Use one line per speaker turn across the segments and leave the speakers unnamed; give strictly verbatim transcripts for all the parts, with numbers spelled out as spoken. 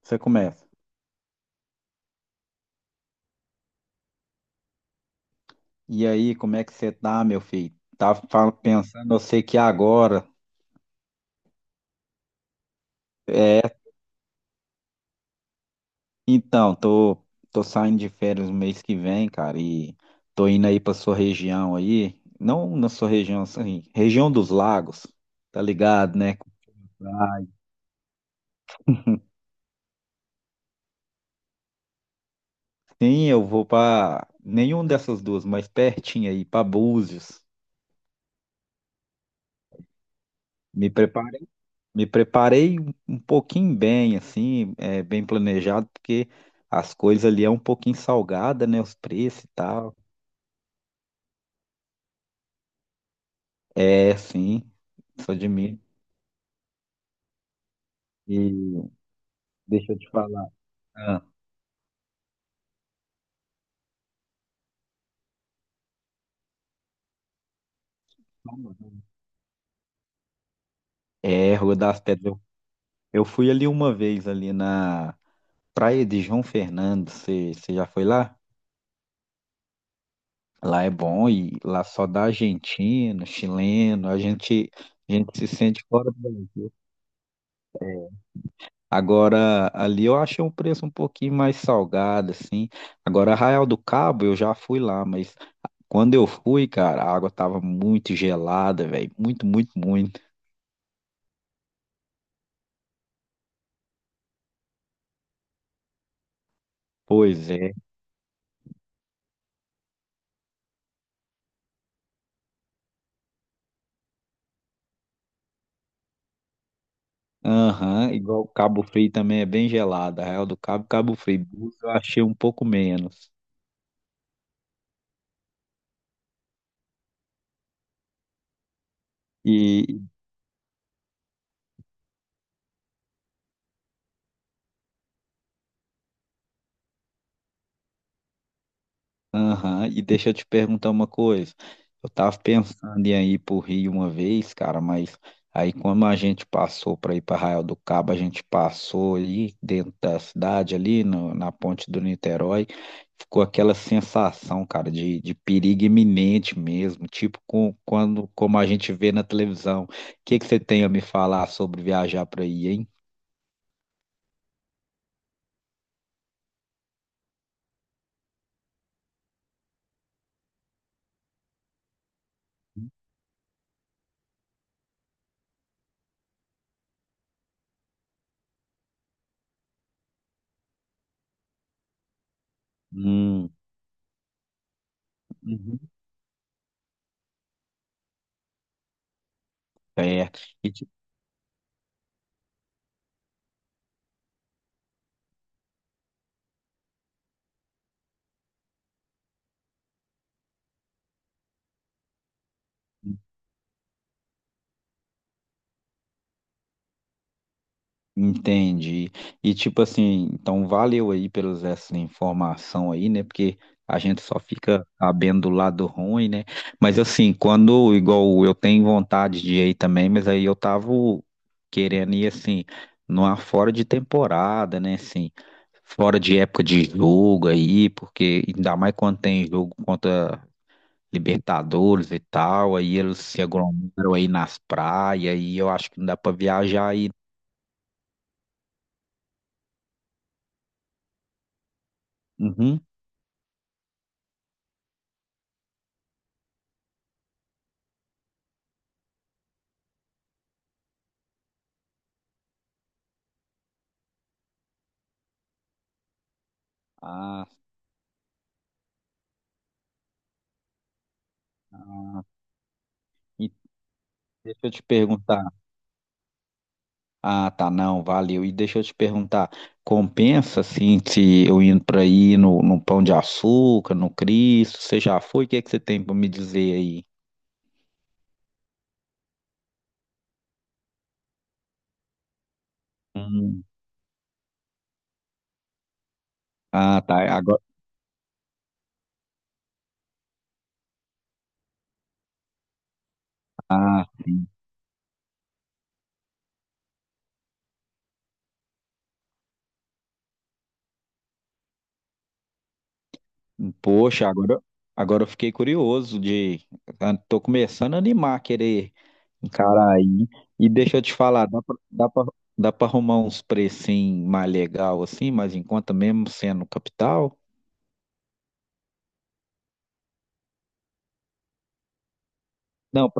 Você começa. E aí, como é que você tá, meu filho? Tava fa- pensando, eu sei que agora. É, então, tô, Tô saindo de férias no mês que vem, cara, e tô indo aí pra sua região aí. Não na sua região, assim, região dos lagos, tá ligado, né? Sim, eu vou pra nenhuma dessas duas, mas pertinho aí, pra Búzios. Me Me preparei um um pouquinho bem, assim, é, bem planejado, porque as coisas ali é um pouquinho salgada, né? Os preços e tal. É, sim, sou de Minas. E deixa eu te falar. Ah, é, Rua das Pedras. Eu, eu fui ali uma vez ali na Praia de João Fernando. Você você já foi lá? Lá é bom e lá só dá argentino, chileno. A gente, a gente se sente fora do Brasil. Agora, ali eu achei um preço um pouquinho mais salgado, assim. Agora, Arraial do Cabo, eu já fui lá, mas quando eu fui, cara, a água tava muito gelada, velho. Muito, muito, muito. Pois é. Aham, igual o Cabo Frio também é bem gelado. Arraial do Cabo, Cabo Frio. Búzios eu achei um pouco menos. E, Aham, e deixa eu te perguntar uma coisa. Eu tava pensando em ir pro Rio uma vez, cara, mas aí como a gente passou para ir para Arraial do Cabo, a gente passou ali dentro da cidade, ali no- na ponte do Niterói, ficou aquela sensação, cara, de, de perigo iminente mesmo, tipo com, quando, como a gente vê na televisão. O que que você tem a me falar sobre viajar para aí, hein? Hum, uhum. É. Entendi. E tipo assim, então valeu aí pelas essa informação aí, né? Porque a gente só fica sabendo do lado ruim, né? Mas assim, quando igual eu tenho vontade de ir também, mas aí eu tava querendo ir assim, numa fora de temporada, né? Assim, fora de época de jogo aí, porque ainda mais quando tem jogo contra Libertadores e tal, aí eles se aglomeram aí nas praias, e eu acho que não dá pra viajar aí. Uhum. Ah, e deixa eu te perguntar. Ah, tá, não, valeu. E deixa eu te perguntar, compensa assim se eu indo para aí no, no Pão de Açúcar, no Cristo? Você já foi? O que é que você tem para me dizer aí? Hum, Ah, tá. Agora, ah, sim. Poxa, agora, agora eu fiquei curioso de, ah, tô começando a animar, querer encarar aí. E deixa eu te falar, dá pra, dá pra, dá pra arrumar uns precinhos mais legal assim, mas enquanto mesmo sendo capital? Não,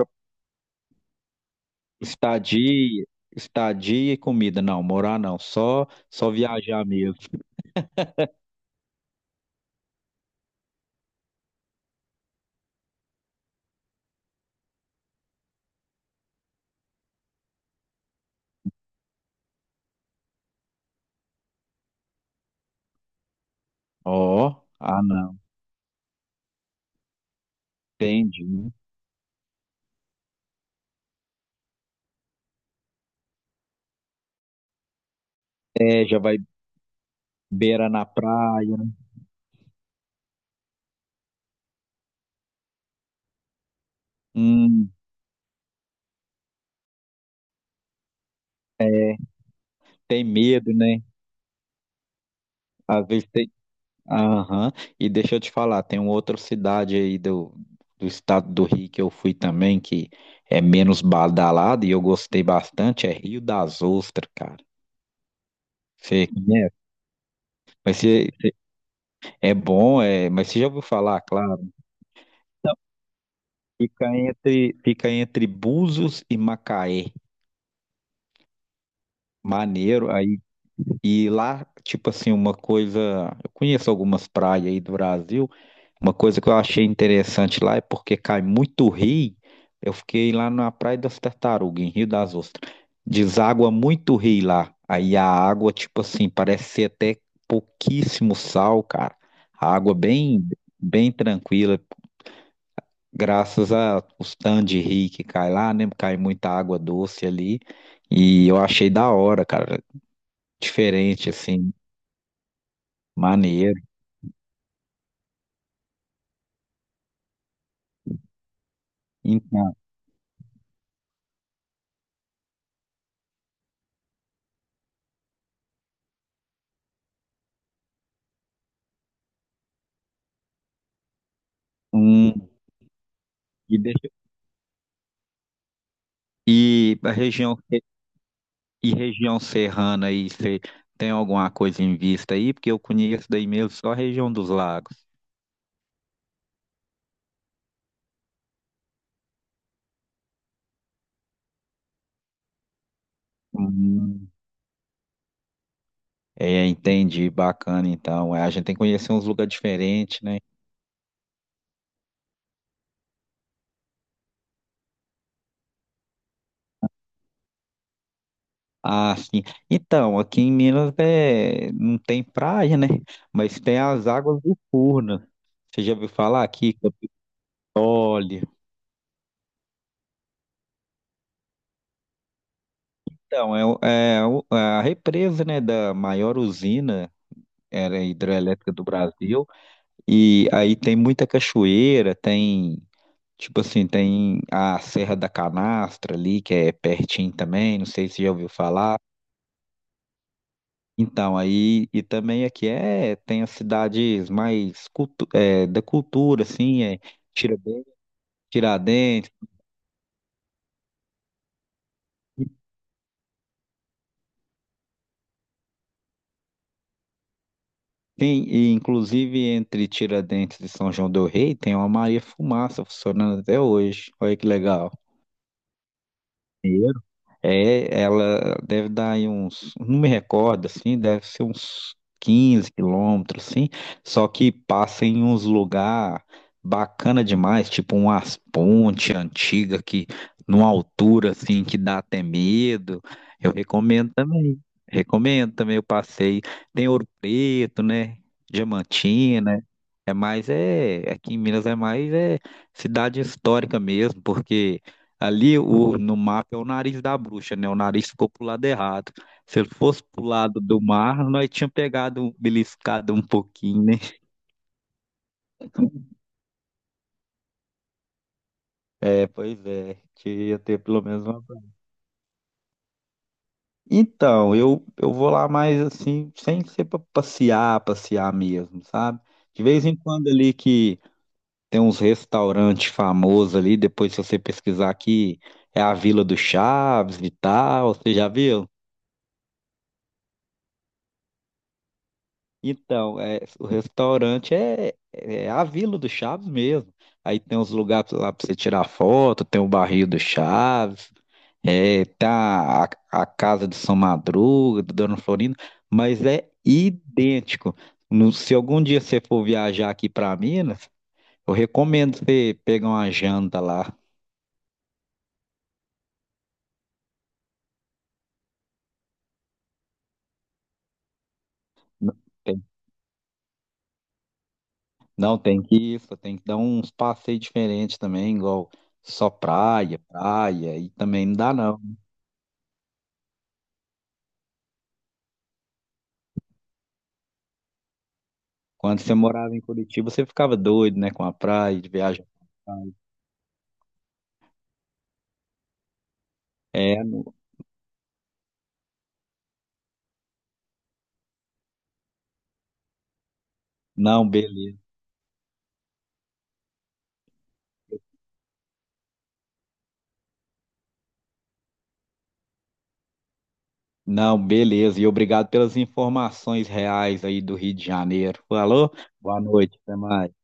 estadia, estadia e comida. Não, morar não. Só, só viajar mesmo. Ó, ah não, entendi. É, já vai beira na praia. Hum, é. Tem medo, né? Às vezes tem. Aham. E deixa eu te falar, tem uma outra cidade aí do, do estado do Rio que eu fui também, que é menos badalada e eu gostei bastante, é Rio das Ostras, cara. Você conhece? Mas você, você- é bom, é, mas você já ouviu falar, claro. Fica entre, fica entre Búzios e Macaé. Maneiro aí. E lá, tipo assim, uma coisa. Eu conheço algumas praias aí do Brasil. Uma coisa que eu achei interessante lá é porque cai muito rio. Eu fiquei lá na Praia das Tartarugas, em Rio das Ostras. Deságua muito rio lá. Aí a água, tipo assim, parece ser até pouquíssimo sal, cara. A água bem, bem tranquila. Graças a os tanques de rio que cai lá, né? Cai muita água doce ali. E eu achei da hora, cara. Diferente, assim, maneiro. Então, hum, e, deixa- e a região, e região serrana aí, você tem alguma coisa em vista aí? Porque eu conheço daí mesmo só a região dos lagos. Hum, é, entendi, bacana então. É, a gente tem que conhecer uns lugares diferentes, né? Ah, sim. Então, aqui em Minas é não tem praia, né? Mas tem as águas do Furnas. Você já ouviu falar aqui, Capitólio? Então, é, o- é o- é a represa, né, da maior usina era hidrelétrica do Brasil. E aí tem muita cachoeira, tem, tipo assim, tem a Serra da Canastra ali, que é pertinho também, não sei se você já ouviu falar. Então, aí, e também aqui é, tem as cidades mais cultu é, da cultura, assim, é Tiradentes, Tiradentes. Tem, e inclusive entre Tiradentes e São João do Rei tem uma Maria Fumaça funcionando até hoje. Olha que legal. É, ela deve dar aí uns, não me recordo assim, deve ser uns quinze quilômetros, assim, só que passa em uns lugar bacana demais, tipo umas ponte antiga que numa altura assim que dá até medo. Eu recomendo também. Recomendo também o passeio. Tem Ouro Preto, né? Diamantina. É mais é, aqui em Minas é mais é cidade histórica mesmo, porque ali o, no mapa é o nariz da bruxa, né? O nariz ficou pro lado errado. Se ele fosse pro lado do mar, nós tínhamos pegado, um- beliscado um pouquinho, né? É, pois é. Queria ter pelo menos uma. Então, eu, eu vou lá mais assim, sem ser pra passear, passear mesmo, sabe? De vez em quando ali que tem uns restaurantes famosos ali, depois se você pesquisar aqui, é a Vila do Chaves e tal, você já viu? Então, é, o restaurante é, é a Vila do Chaves mesmo. Aí tem uns lugares lá pra você tirar foto, tem o barril do Chaves, é, tá a, a casa de São Madruga, do Dona Florinda, mas é idêntico. No- se algum dia você for viajar aqui pra Minas, eu recomendo você pegar uma janta lá. Não tem, não tem que ir, só tem que dar uns passeios diferentes também, igual só praia, praia, e também não dá não. Quando você morava em Curitiba, você ficava doido, né? Com a praia, de viagem. É, no- não, beleza. Não, beleza. E obrigado pelas informações reais aí do Rio de Janeiro. Falou? Boa noite, até mais.